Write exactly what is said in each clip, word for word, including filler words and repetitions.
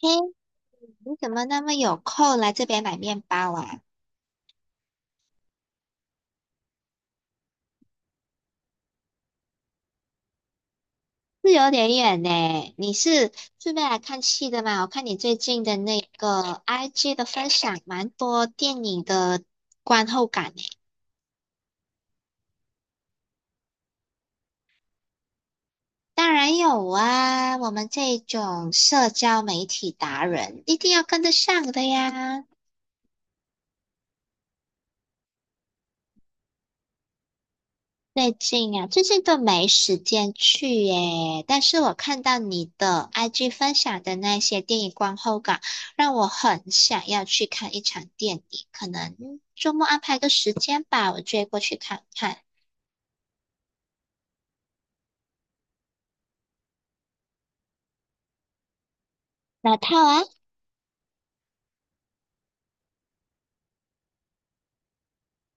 嘿，你怎么那么有空来这边买面包啊？是有点远呢。你是顺便来看戏的吗？我看你最近的那个 I G 的分享，蛮多电影的观后感呢。当然有啊，我们这种社交媒体达人一定要跟得上的呀。最近啊，最近都没时间去耶。但是我看到你的 I G 分享的那些电影观后感，让我很想要去看一场电影。可能周末安排个时间吧，我追过去看看。哪套啊？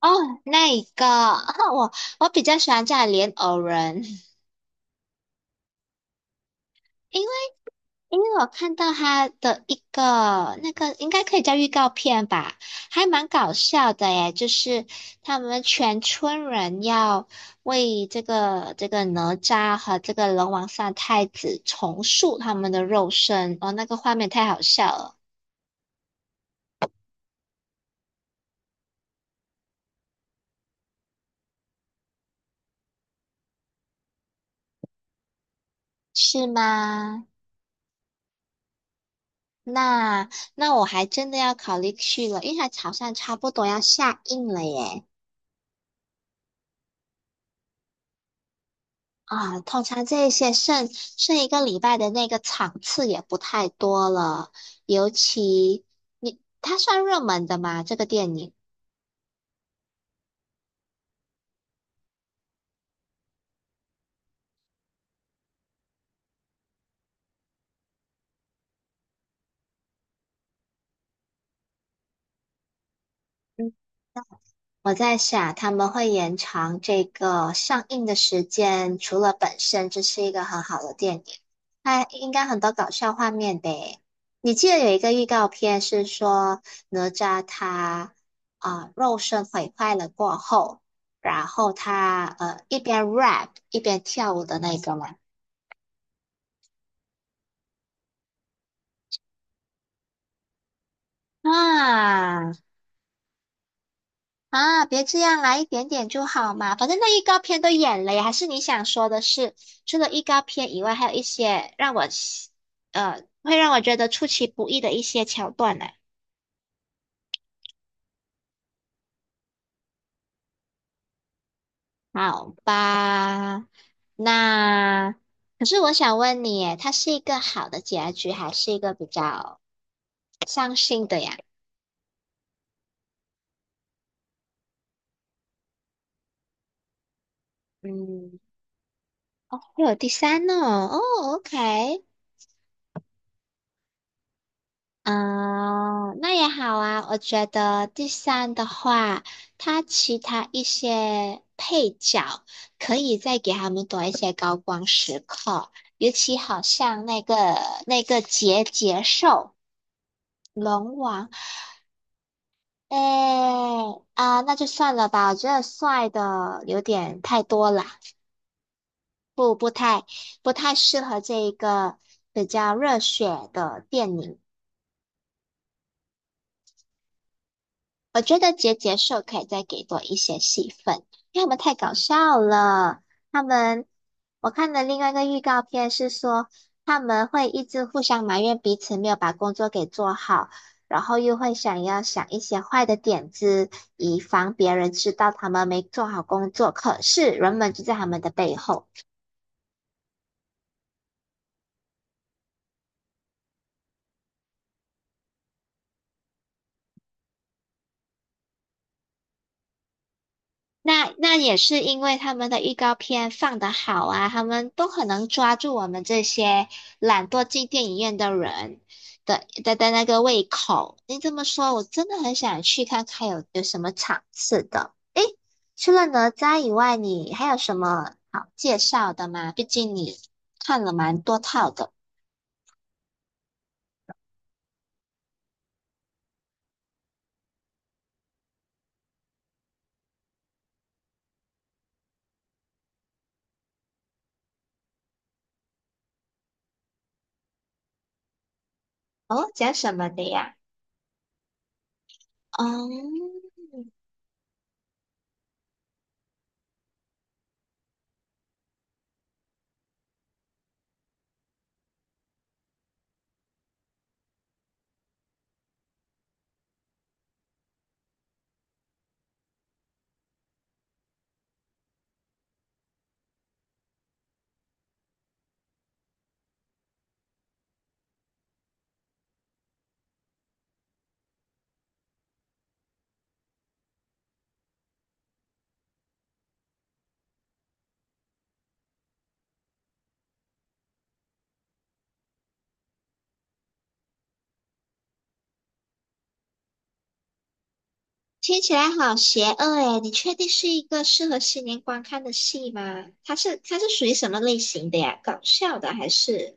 哦，那一个，我我比较喜欢叫莲藕人。因因为我看到他的一个那个应该可以叫预告片吧，还蛮搞笑的耶。就是他们全村人要为这个这个哪吒和这个龙王三太子重塑他们的肉身，哦，那个画面太好笑了，是吗？那那我还真的要考虑去了，因为它好像差不多要下映了耶。啊，通常这些剩剩一个礼拜的那个场次也不太多了，尤其你它算热门的吗？这个电影？我在想，他们会延长这个上映的时间，除了本身这是一个很好的电影，它应该很多搞笑画面呗。你记得有一个预告片是说哪吒他啊、呃肉身毁坏了过后，然后他呃一边 rap 一边跳舞的那个吗？啊！啊，别这样啦，一点点就好嘛。反正那预告片都演了呀，还是你想说的是，除了预告片以外，还有一些让我喜呃，会让我觉得出其不意的一些桥段呢。好吧，那可是我想问你耶，它是一个好的结局，还是一个比较伤心的呀？嗯，会有第三呢？哦，OK。嗯，那也好啊。我觉得第三的话，它其他一些配角可以再给他们多一些高光时刻，尤其好像那个那个结节兽龙王，哎啊，那就算了吧。我觉得帅的有点太多了，不不太不太适合这一个比较热血的电影。我觉得结节兽可以再给多一些戏份，因为他们太搞笑了。他们，我看的另外一个预告片是说，他们会一直互相埋怨彼此没有把工作给做好，然后又会想要想一些坏的点子，以防别人知道他们没做好工作。可是人们就在他们的背后。那那也是因为他们的预告片放得好啊，他们都很能抓住我们这些懒惰进电影院的人的的的那个胃口。你这么说，我真的很想去看看有有什么场次的。除了哪吒以外，你还有什么好介绍的吗？毕竟你看了蛮多套的。哦，讲什么的呀？嗯，听起来好邪恶诶，你确定是一个适合新年观看的戏吗？它是它是属于什么类型的呀？搞笑的还是？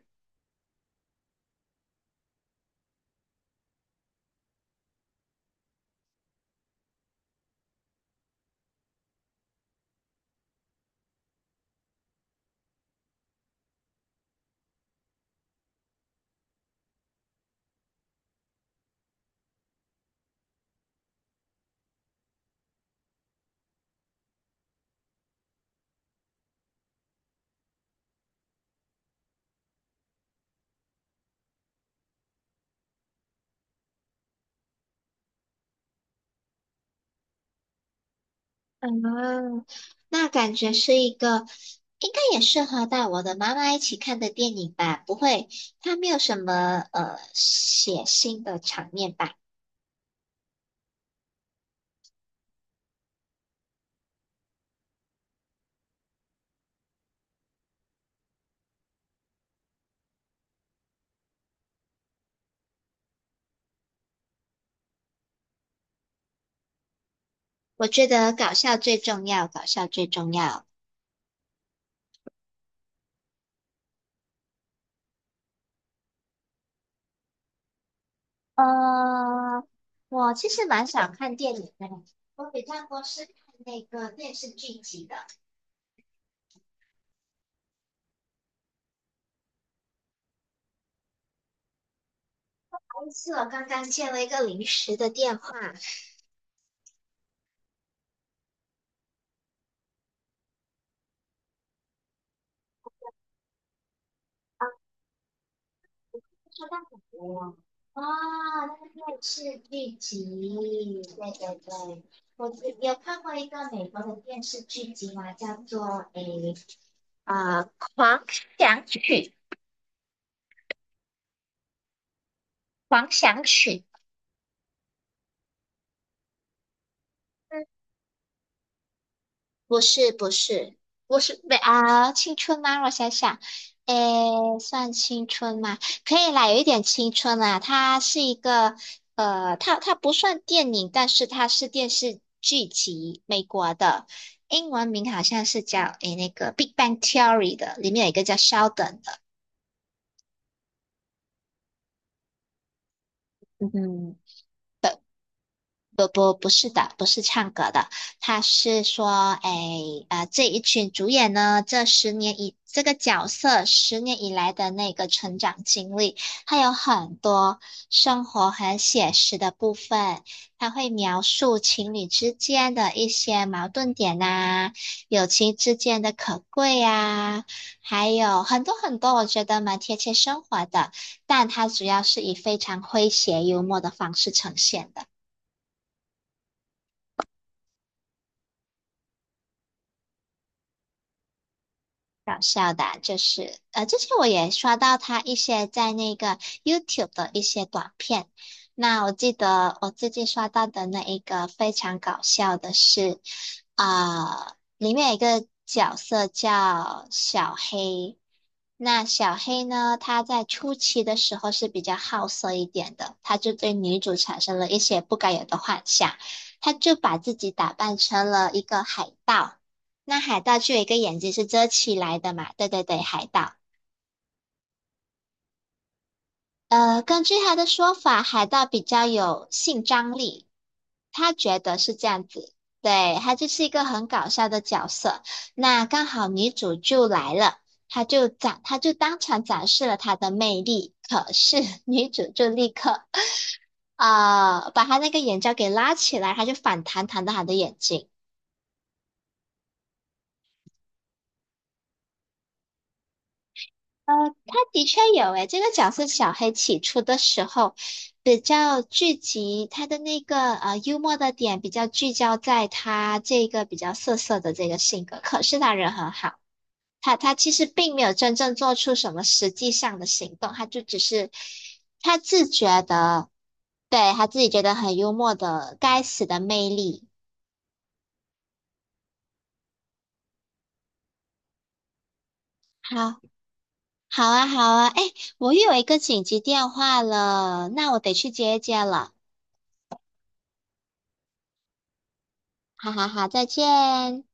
啊，那感觉是一个应该也适合带我的妈妈一起看的电影吧？不会，它没有什么呃血腥的场面吧？我觉得搞笑最重要，搞笑最重要。呃，我其实蛮想看电影的，我比较多是看那个电视剧集的。是司我刚刚接了一个临时的电话，收到什么了？哦，那个是剧集，对对对，我有看过一个美国的电视剧集嘛，叫做诶啊、呃狂想曲》，狂想曲，嗯不是不是，不是没啊，青春吗？我想想，诶，算青春吗？可以啦，有一点青春啦。它是一个，呃，它它不算电影，但是它是电视剧集，美国的，英文名好像是叫诶那个《Big Bang Theory》的，里面有一个叫 Sheldon 的，嗯哼，不不不是的，不是唱歌的，他是说，哎，啊、这一群主演呢，这十年以这个角色十年以来的那个成长经历，还有很多生活很写实的部分，他会描述情侣之间的一些矛盾点呐、友情之间的可贵呀、还有很多很多，我觉得蛮贴切生活的，但它主要是以非常诙谐幽默的方式呈现的。搞笑的啊就是呃，之前我也刷到他一些在那个 YouTube 的一些短片。那我记得我最近刷到的那一个非常搞笑的是，啊、里面有一个角色叫小黑。那小黑呢，他在初期的时候是比较好色一点的，他就对女主产生了一些不该有的幻想，他就把自己打扮成了一个海盗。那海盗就有一个眼睛是遮起来的嘛？对对对，海盗。呃，根据他的说法，海盗比较有性张力，他觉得是这样子。对，他就是一个很搞笑的角色。那刚好女主就来了，他就展，他就当场展示了他的魅力。可是 女主就立刻呃把他那个眼罩给拉起来，他就反弹弹到他的眼睛。呃，他的确有诶，这个角色小黑起初的时候比较聚集他的那个呃幽默的点，比较聚焦在他这个比较涩涩的这个性格。可是他人很好，他他其实并没有真正做出什么实际上的行动，他就只是他自觉的，对，他自己觉得很幽默的该死的魅力。好，好啊，好啊，哎，我有一个紧急电话了，那我得去接一接了。哈哈哈！再见。